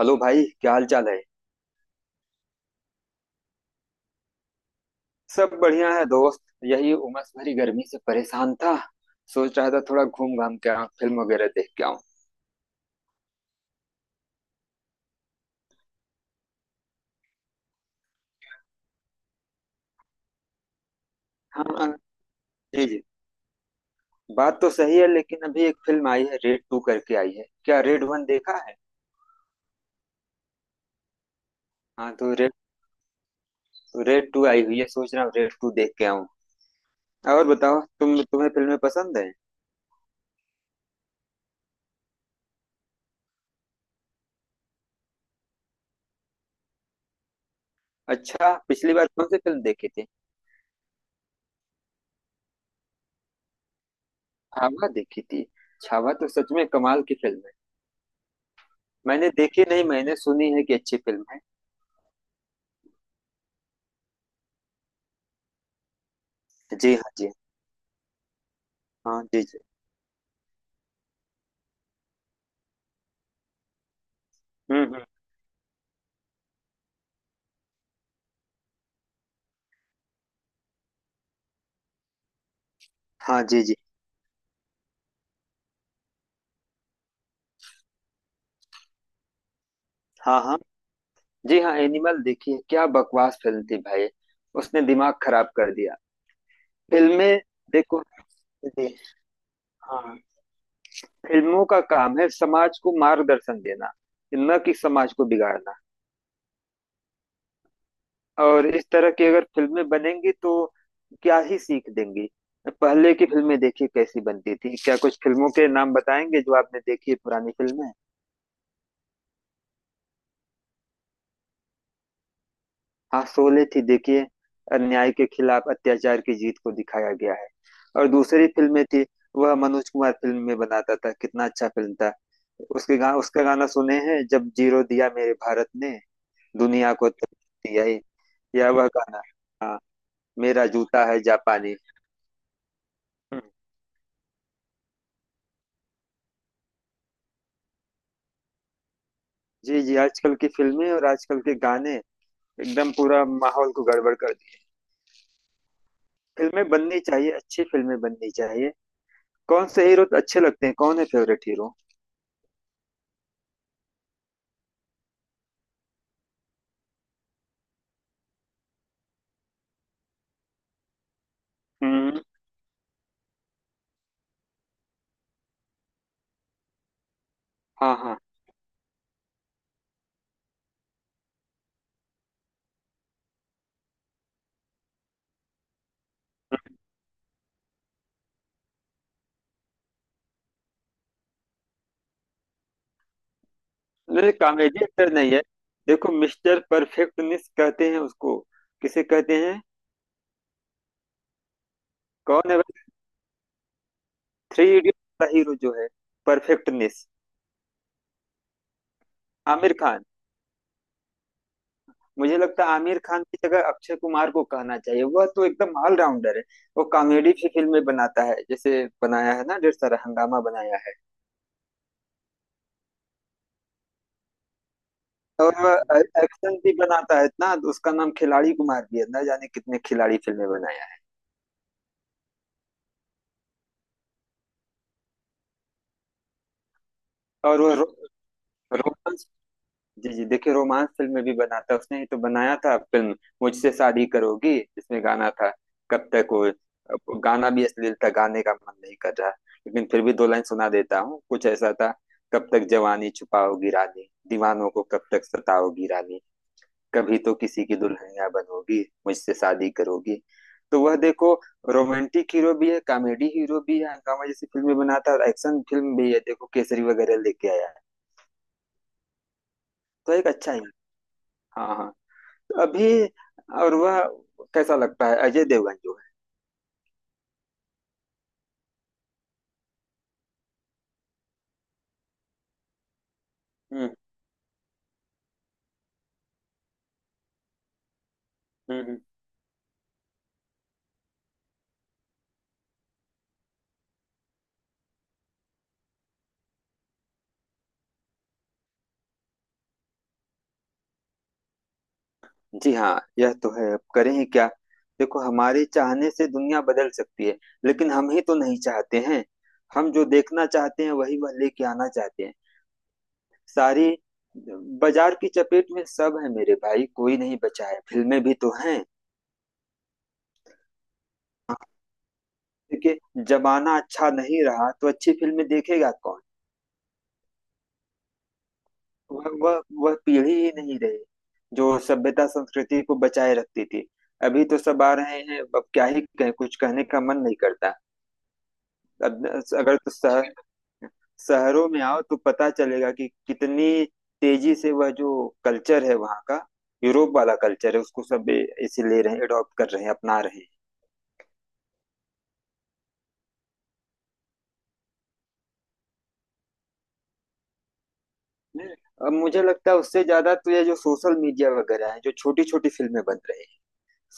Hello भाई, क्या हाल चाल है। सब बढ़िया है दोस्त, यही उमस भरी गर्मी से परेशान था। सोच रहा था थोड़ा घूम घाम के आऊं, फिल्म वगैरह देख के आऊं। हाँ जी जी। बात तो सही है, लेकिन अभी एक फिल्म आई है, रेड टू करके आई है। क्या रेड वन देखा है। हाँ तो रेड रेड टू आई हुई है, सोच रहा हूँ रेड टू देख के आऊं। और बताओ, तुम्हें फिल्में पसंद है। अच्छा, पिछली बार कौन सी फिल्म देखी थी। छावा देखी थी। छावा तो सच में कमाल की फिल्म है। मैंने देखी नहीं, मैंने सुनी है कि अच्छी फिल्म है। जी हाँ जी। हाँ जी जी। हम्म। हाँ जी जी। हाँ हाँ। जी हाँ, एनिमल देखिए क्या बकवास फिल्म थी भाई। उसने दिमाग खराब कर दिया। फिल्में देखो। जी। हाँ। फिल्मों का काम है समाज को मार्गदर्शन देना, न कि समाज को बिगाड़ना। और इस तरह की अगर फिल्में बनेंगी तो क्या ही सीख देंगी। पहले की फिल्में देखिए कैसी बनती थी। क्या कुछ फिल्मों के नाम बताएंगे जो आपने देखी है, पुरानी फिल्में। हाँ, शोले थी देखिए। अन्याय के खिलाफ अत्याचार की जीत को दिखाया गया है। और दूसरी फिल्में थी, वह मनोज कुमार फिल्म में बनाता था, कितना अच्छा फिल्म था। उसका गाना सुने हैं, जब जीरो दिया मेरे भारत ने दुनिया को तकलीफ दिया है। या वह गाना। हाँ। मेरा जूता है जापानी। हम्म, जी जी। आजकल की फिल्में और आजकल के गाने एकदम पूरा माहौल को गड़बड़ कर दिए। फिल्में बननी चाहिए, अच्छी फिल्में बननी चाहिए। कौन से हीरो अच्छे लगते हैं, कौन है फेवरेट हीरो। हम्म। हाँ हाँ। नहीं, कामेडी एक्टर नहीं है। देखो, मिस्टर परफेक्टनिस्ट कहते हैं उसको। किसे कहते हैं, कौन है भाई। 3 इडियट का हीरो जो है, परफेक्टनिस्ट। आमिर खान। मुझे लगता है आमिर खान की जगह अक्षय कुमार को कहना चाहिए, वह तो एकदम ऑलराउंडर है। वो कॉमेडी भी फिल्में बनाता है, जैसे बनाया है ना, ढेर सारा हंगामा बनाया है। और वह एक्शन भी बनाता है, इतना उसका नाम खिलाड़ी कुमार भी है, ना जाने कितने खिलाड़ी फिल्में बनाया है। और वो रोमांस। जी जी, देखिए रोमांस फिल्म भी बनाता है, उसने ही तो बनाया था फिल्म मुझसे शादी करोगी, जिसमें गाना था, कब तक वो, अब गाना भी अश्लील था, गाने का मन नहीं कर रहा। लेकिन फिर भी 2 लाइन सुना देता हूँ, कुछ ऐसा था, कब तक जवानी छुपाओगी रानी, दीवानों को कब तक सताओगी रानी, कभी तो किसी की दुल्हनिया बनोगी, मुझसे शादी करोगी। तो वह देखो, रोमांटिक हीरो भी है, कॉमेडी हीरो भी है, हंगामा जैसी फिल्में बनाता है, और एक्शन फिल्म भी है, देखो केसरी वगैरह लेके आया है। तो एक अच्छा ही। हाँ हाँ। तो अभी। और वह कैसा लगता है अजय देवगन जो है। हम्म हम्म हम्म। जी हाँ, यह तो है, अब करें ही क्या। देखो, हमारे चाहने से दुनिया बदल सकती है, लेकिन हम ही तो नहीं चाहते हैं। हम जो देखना चाहते हैं वही वह लेके आना चाहते हैं। सारी बाजार की चपेट में सब है मेरे भाई, कोई नहीं बचा है, फिल्में भी तो हैं। देखिए, जमाना अच्छा नहीं रहा तो अच्छी फिल्में देखेगा कौन। वह पीढ़ी ही नहीं रही जो सभ्यता संस्कृति को बचाए रखती थी। अभी तो सब आ रहे हैं, अब क्या ही कहें, कुछ कहने का मन नहीं करता। अब अगर तो शहरों में आओ तो पता चलेगा कि कितनी तेजी से वह जो कल्चर है वहाँ का, यूरोप वाला कल्चर है, उसको सब इसे ले रहे हैं, अडॉप्ट कर रहे हैं, अपना रहे हैं। अब मुझे लगता है उससे ज्यादा तो ये जो सोशल मीडिया वगैरह है, जो छोटी छोटी फिल्में बन रही हैं,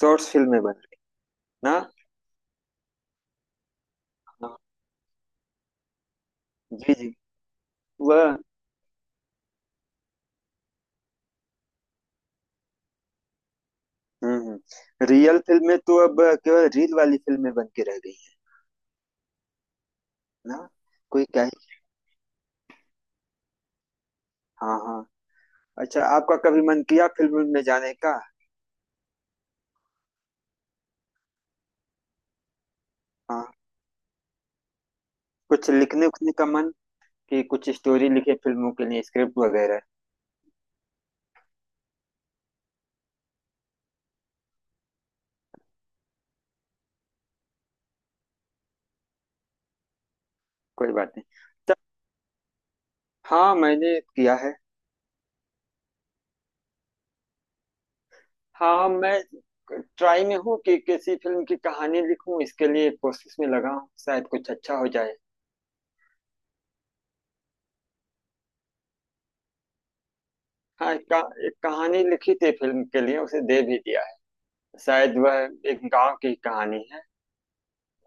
शॉर्ट्स फिल्में बन रही हैं ना। हाँ। जी जी। वह। रियल फिल्में तो अब केवल रील वाली फिल्में बन के रह गई है ना। कोई कहे। हाँ हाँ। अच्छा, आपका कभी मन किया फिल्म में जाने का। हाँ, कुछ लिखने उखने का मन कि कुछ स्टोरी लिखे फिल्मों के लिए, स्क्रिप्ट वगैरह। कोई बात नहीं। हाँ, मैंने किया है। हाँ हाँ, मैं ट्राई में हूँ कि किसी फिल्म की कहानी लिखूं, इसके लिए कोशिश में लगा हूँ, शायद कुछ अच्छा हो जाए। हाँ, एक कहानी लिखी थी फिल्म के लिए, उसे दे भी दिया है। शायद वह एक गांव की कहानी है।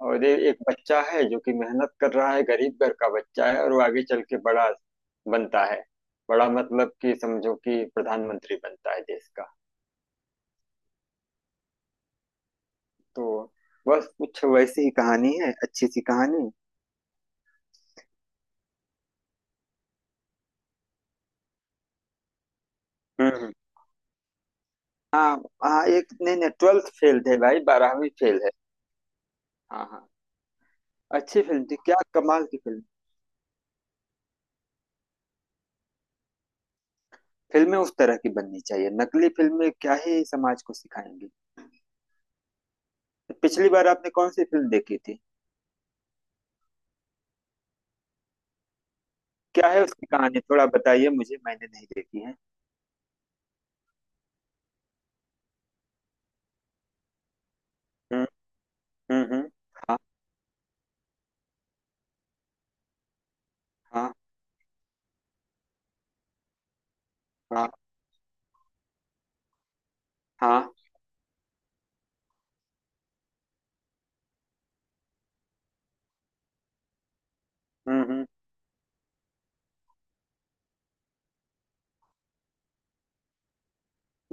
और ये एक बच्चा है जो कि मेहनत कर रहा है, गरीब घर का बच्चा है, और वो आगे चल के बड़ा बनता है। बड़ा मतलब कि समझो कि प्रधानमंत्री बनता है देश का। तो बस कुछ वैसी ही कहानी है, अच्छी सी कहानी। हम्म हम्म। हाँ। हाँ एक, नहीं नहीं, ट्वेल्थ फेल थे भाई, 12वीं फेल है। हाँ हाँ। अच्छी फिल्म थी, क्या कमाल की फिल्म। फिल्में उस तरह की बननी चाहिए, नकली फिल्में क्या ही समाज को सिखाएंगी। पिछली बार आपने कौन सी फिल्म देखी थी। क्या है उसकी कहानी, थोड़ा बताइए मुझे, मैंने नहीं देखी है। हम्म। हाँ। हाँ हाँ। हाँ। हम्म।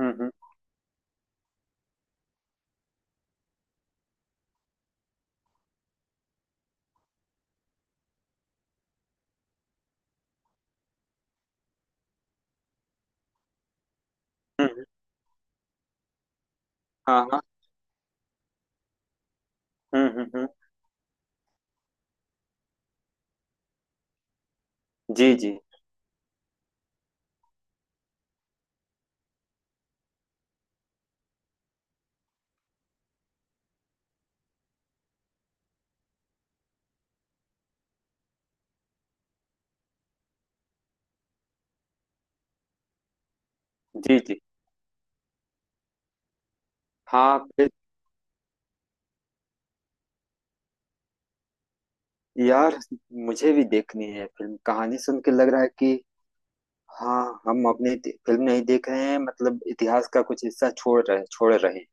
हम्म। हम्म, हाँ हाँ। हम्म हम्म हम्म, जी जी। जी जी। हाँ फिर। यार, मुझे भी देखनी है फिल्म, कहानी सुन के लग रहा है कि हाँ, हम अपनी फिल्म नहीं देख रहे हैं, मतलब इतिहास का कुछ हिस्सा छोड़ रहे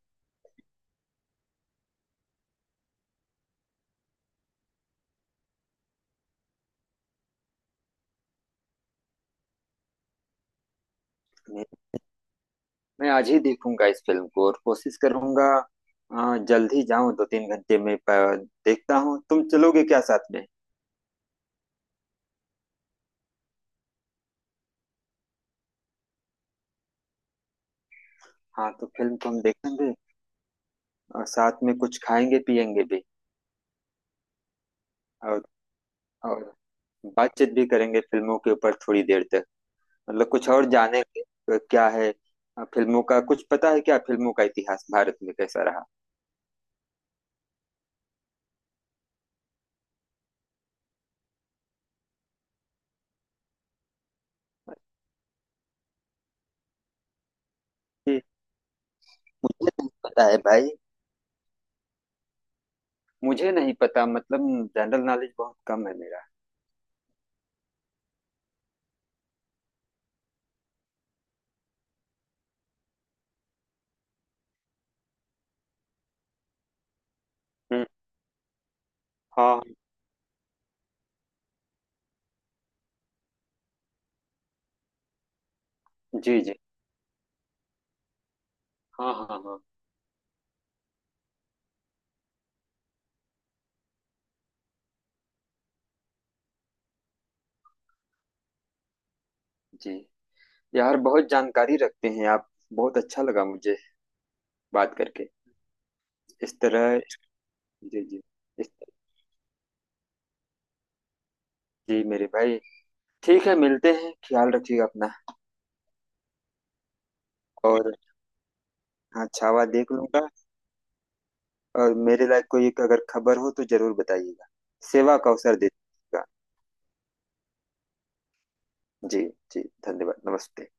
हैं। मैं आज ही देखूंगा इस फिल्म को और कोशिश करूंगा। जल्द ही जाऊं, 2 3 घंटे में देखता हूँ, तुम चलोगे क्या साथ में। हाँ तो फिल्म को हम देखेंगे, और साथ में कुछ खाएंगे पिएंगे भी, और और बातचीत भी करेंगे फिल्मों के ऊपर थोड़ी देर तक, मतलब कुछ और जानेंगे तो क्या है। फिल्मों का कुछ पता है क्या, फिल्मों का इतिहास भारत में कैसा रहा। जी, मुझे नहीं पता है भाई। मुझे नहीं पता, मतलब जनरल नॉलेज बहुत कम है मेरा। हम्म। हाँ। जी जी। हाँ हाँ हाँ। जी, यार, बहुत जानकारी रखते हैं आप, बहुत अच्छा लगा मुझे बात करके, इस तरह। जी जी। इस। जी मेरे भाई, ठीक है, मिलते हैं, ख्याल रखिएगा अपना। और, हाँ, छावा देख लूंगा। और मेरे लायक कोई एक अगर खबर हो तो जरूर बताइएगा, सेवा का अवसर दीजिएगा। जी। जी। धन्यवाद, नमस्ते।